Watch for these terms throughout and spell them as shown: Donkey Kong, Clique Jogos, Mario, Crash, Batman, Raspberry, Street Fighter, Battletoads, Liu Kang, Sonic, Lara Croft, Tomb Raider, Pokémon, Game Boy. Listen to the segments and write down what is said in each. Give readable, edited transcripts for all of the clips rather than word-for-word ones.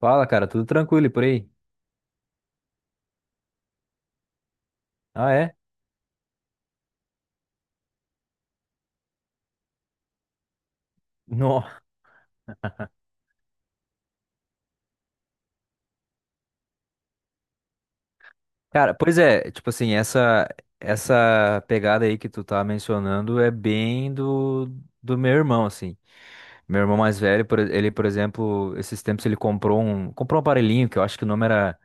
Fala, cara, tudo tranquilo e por aí? Ah, é? Não. Cara, pois é, tipo assim, essa pegada aí que tu tá mencionando é bem do meu irmão, assim. Meu irmão mais velho, ele, por exemplo, esses tempos ele comprou um aparelhinho que eu acho que o nome era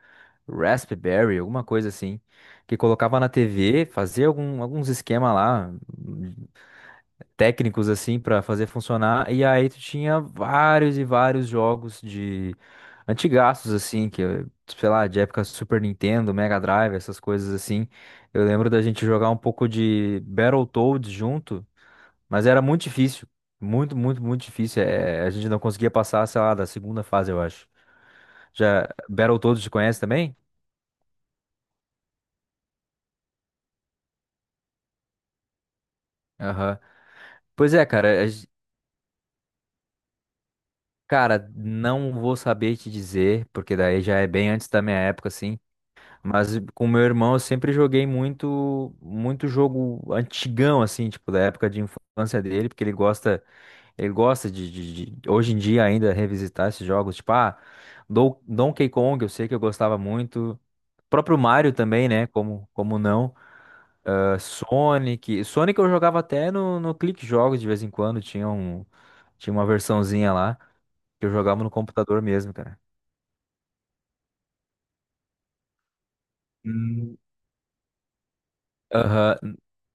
Raspberry, alguma coisa assim, que colocava na TV, fazia algum, alguns esquema lá técnicos assim pra fazer funcionar. E aí tu tinha vários e vários jogos de antigaços assim, que sei lá, de época Super Nintendo, Mega Drive, essas coisas assim. Eu lembro da gente jogar um pouco de Battletoads junto, mas era muito difícil. Muito, muito, muito difícil. É, a gente não conseguia passar, sei lá, da segunda fase, eu acho. Já Battletoads te conhece também? Aham. Pois é, cara. Cara, não vou saber te dizer, porque daí já é bem antes da minha época, assim. Mas com meu irmão eu sempre joguei muito, muito jogo antigão, assim, tipo, da época de infância dele, porque ele gosta de hoje em dia ainda revisitar esses jogos, tipo, ah, Donkey Kong, eu sei que eu gostava muito. Próprio Mario também, né? Como não? Ah, Sonic. Sonic eu jogava até no Clique Jogos de vez em quando, tinha uma versãozinha lá que eu jogava no computador mesmo, cara. Aham,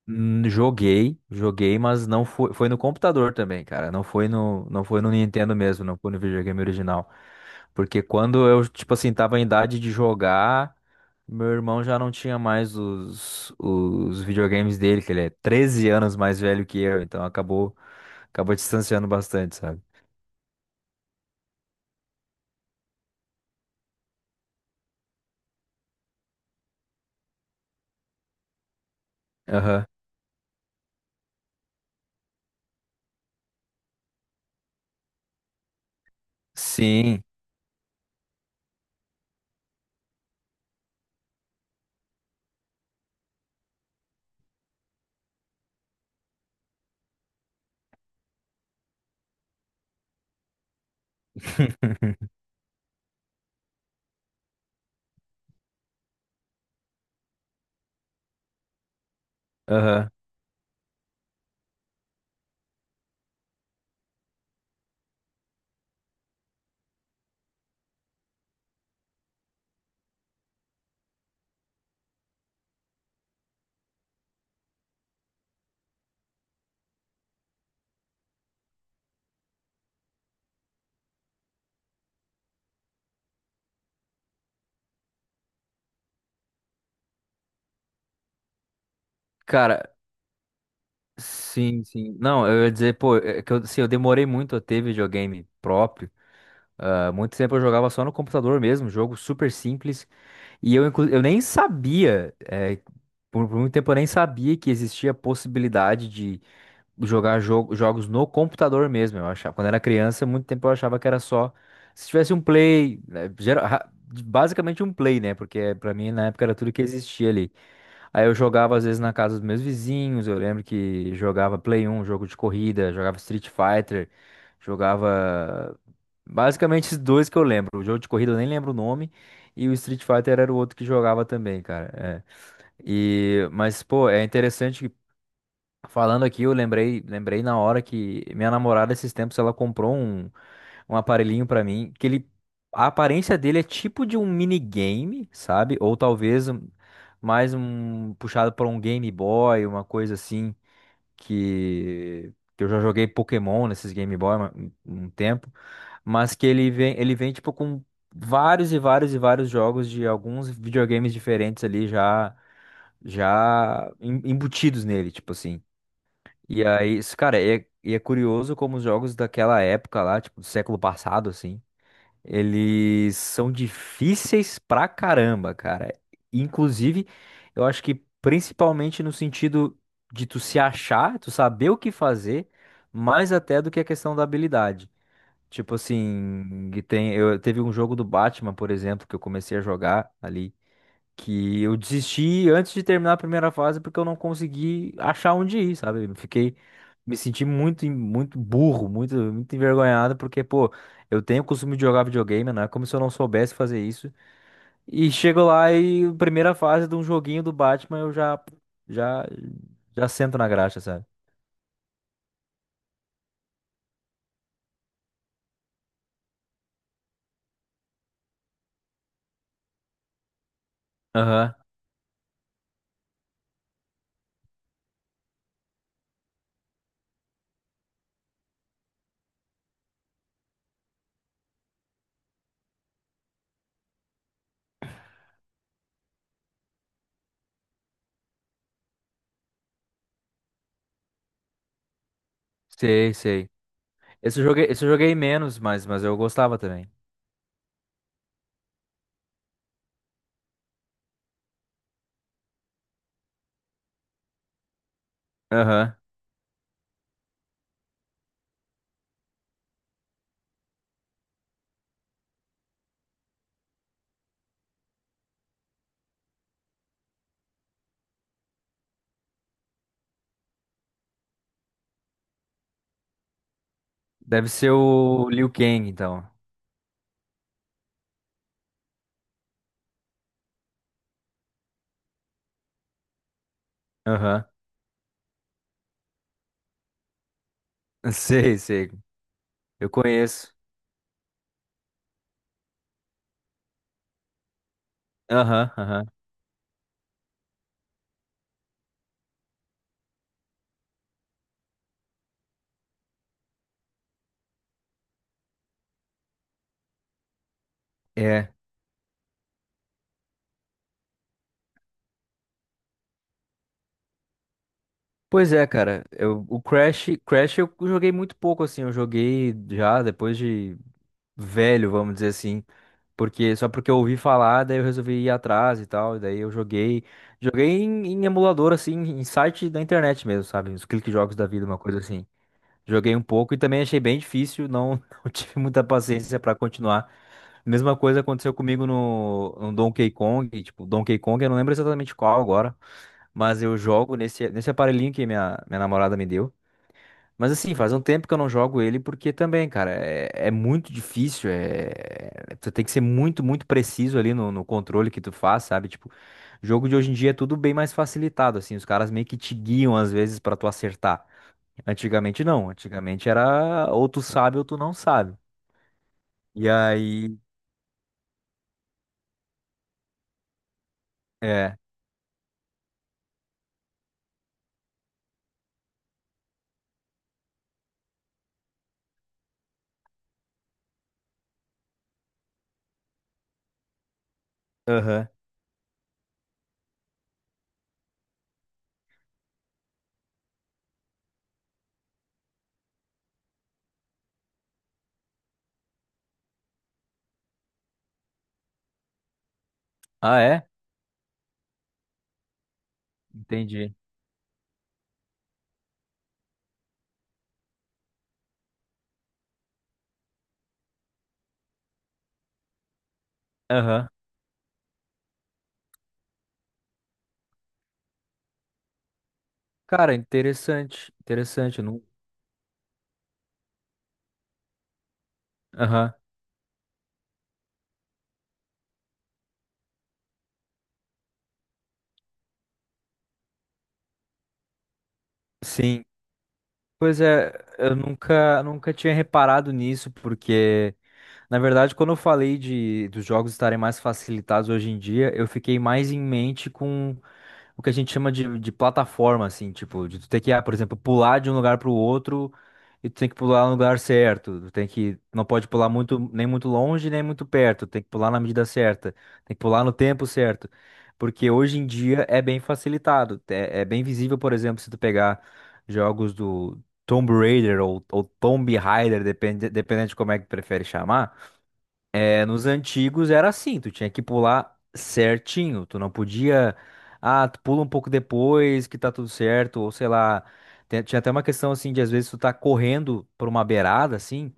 Joguei, mas foi no computador também, cara. Não foi no Nintendo mesmo, não foi no videogame original. Porque quando eu, tipo assim, tava em idade de jogar, meu irmão já não tinha mais os videogames dele, que ele é 13 anos mais velho que eu, então acabou, distanciando bastante, sabe? Aham. Sim. Aham. Cara, sim, sim. Não, eu ia dizer, pô, é que eu, assim, eu demorei muito a ter videogame próprio. Ah, muito tempo eu jogava só no computador mesmo, jogo super simples. Eu nem sabia, por muito tempo eu nem sabia que existia a possibilidade de jogar jogos no computador mesmo. Eu achava, quando era criança, muito tempo eu achava que era só se tivesse um play, né, basicamente um play, né? Porque pra mim na época era tudo que existia ali. Aí eu jogava às vezes na casa dos meus vizinhos, eu lembro que jogava Play 1, jogo de corrida, jogava Street Fighter, jogava basicamente esses dois que eu lembro. O jogo de corrida eu nem lembro o nome e o Street Fighter era o outro que jogava também, cara. É. E mas pô, é interessante que falando aqui, eu lembrei na hora que minha namorada esses tempos ela comprou um aparelhinho pra mim, que ele a aparência dele é tipo de um minigame, sabe? Ou talvez mais um puxado para um Game Boy, uma coisa assim que eu já joguei Pokémon nesses Game Boy um tempo, mas que ele vem tipo com vários e vários e vários jogos de alguns videogames diferentes ali já embutidos nele, tipo assim. E aí, isso, cara, e é curioso como os jogos daquela época lá, tipo, do século passado, assim, eles são difíceis pra caramba, cara. Inclusive, eu acho que principalmente no sentido de tu se achar, tu saber o que fazer, mais até do que a questão da habilidade. Tipo assim, eu teve um jogo do Batman, por exemplo, que eu comecei a jogar ali que eu desisti antes de terminar a primeira fase porque eu não consegui achar onde ir, sabe? Me senti muito, muito burro, muito, muito envergonhado porque, pô, eu tenho o costume de jogar videogame, né? Como se eu não soubesse fazer isso. E chego lá e primeira fase de um joguinho do Batman eu já, já sento na graxa, sabe? Aham. Sei, sei. Esse eu joguei menos, mas eu gostava também. Aham. Deve ser o Liu Kang, então. Aham. Sei, sei. Eu conheço. Aham, aham. É. Pois é, cara. O Crash eu joguei muito pouco, assim. Eu joguei já depois de velho, vamos dizer assim. Porque, só porque eu ouvi falar, daí eu resolvi ir atrás e tal. E daí eu joguei. Joguei em emulador, assim, em site da internet mesmo, sabe? Os clique jogos da vida, uma coisa assim. Joguei um pouco e também achei bem difícil. Não, não tive muita paciência pra continuar. Mesma coisa aconteceu comigo no Donkey Kong. Tipo, Donkey Kong, eu não lembro exatamente qual agora, mas eu jogo nesse aparelhinho que minha namorada me deu. Mas assim, faz um tempo que eu não jogo ele, porque também, cara, é muito difícil. É, tu tem que ser muito, muito preciso ali no controle que tu faz, sabe? Tipo, jogo de hoje em dia é tudo bem mais facilitado, assim. Os caras meio que te guiam às vezes pra tu acertar. Antigamente não. Antigamente era ou tu sabe ou tu não sabe. E aí. É. Aham. Ah, é? Entendi. Aham. Cara, interessante. Interessante. Eu Não... Aham. Sim. Pois é, eu nunca, nunca tinha reparado nisso, porque, na verdade, quando eu falei dos jogos estarem mais facilitados hoje em dia, eu fiquei mais em mente com o que a gente chama de plataforma, assim, tipo, de tu ter que, por exemplo, pular de um lugar pro outro e tu tem que pular no lugar certo. Não pode pular muito, nem muito longe, nem muito perto. Tem que pular na medida certa. Tem que pular no tempo certo. Porque hoje em dia é bem facilitado. É bem visível, por exemplo, se tu pegar jogos do Tomb Raider ou Tomb Raider, dependendo de como é que tu prefere chamar. É, nos antigos era assim, tu tinha que pular certinho, tu não podia, tu pula um pouco depois que tá tudo certo, ou sei lá, tinha até uma questão assim de às vezes tu tá correndo por uma beirada assim,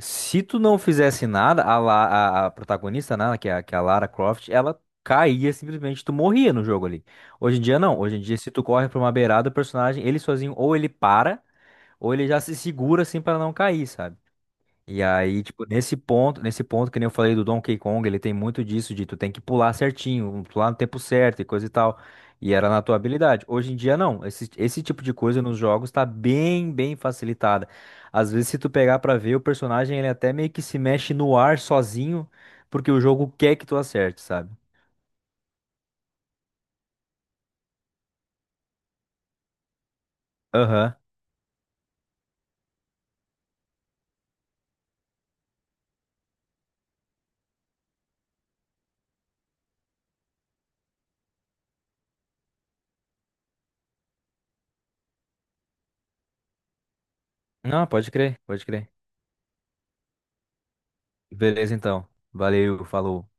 se tu não fizesse nada, a protagonista, né, que é a Lara Croft, ela caía simplesmente, tu morria no jogo ali. Hoje em dia não, hoje em dia se tu corre por uma beirada, o personagem, ele sozinho, ou ele para, ou ele já se segura assim pra não cair, sabe? E aí, tipo, nesse ponto, que nem eu falei do Donkey Kong, ele tem muito disso, de tu tem que pular certinho, pular no tempo certo e coisa e tal. E era na tua habilidade. Hoje em dia, não. Esse tipo de coisa nos jogos tá bem, bem facilitada. Às vezes, se tu pegar pra ver, o personagem, ele até meio que se mexe no ar sozinho, porque o jogo quer que tu acerte, sabe? Aham. Não, pode crer, pode crer. Beleza, então. Valeu, falou.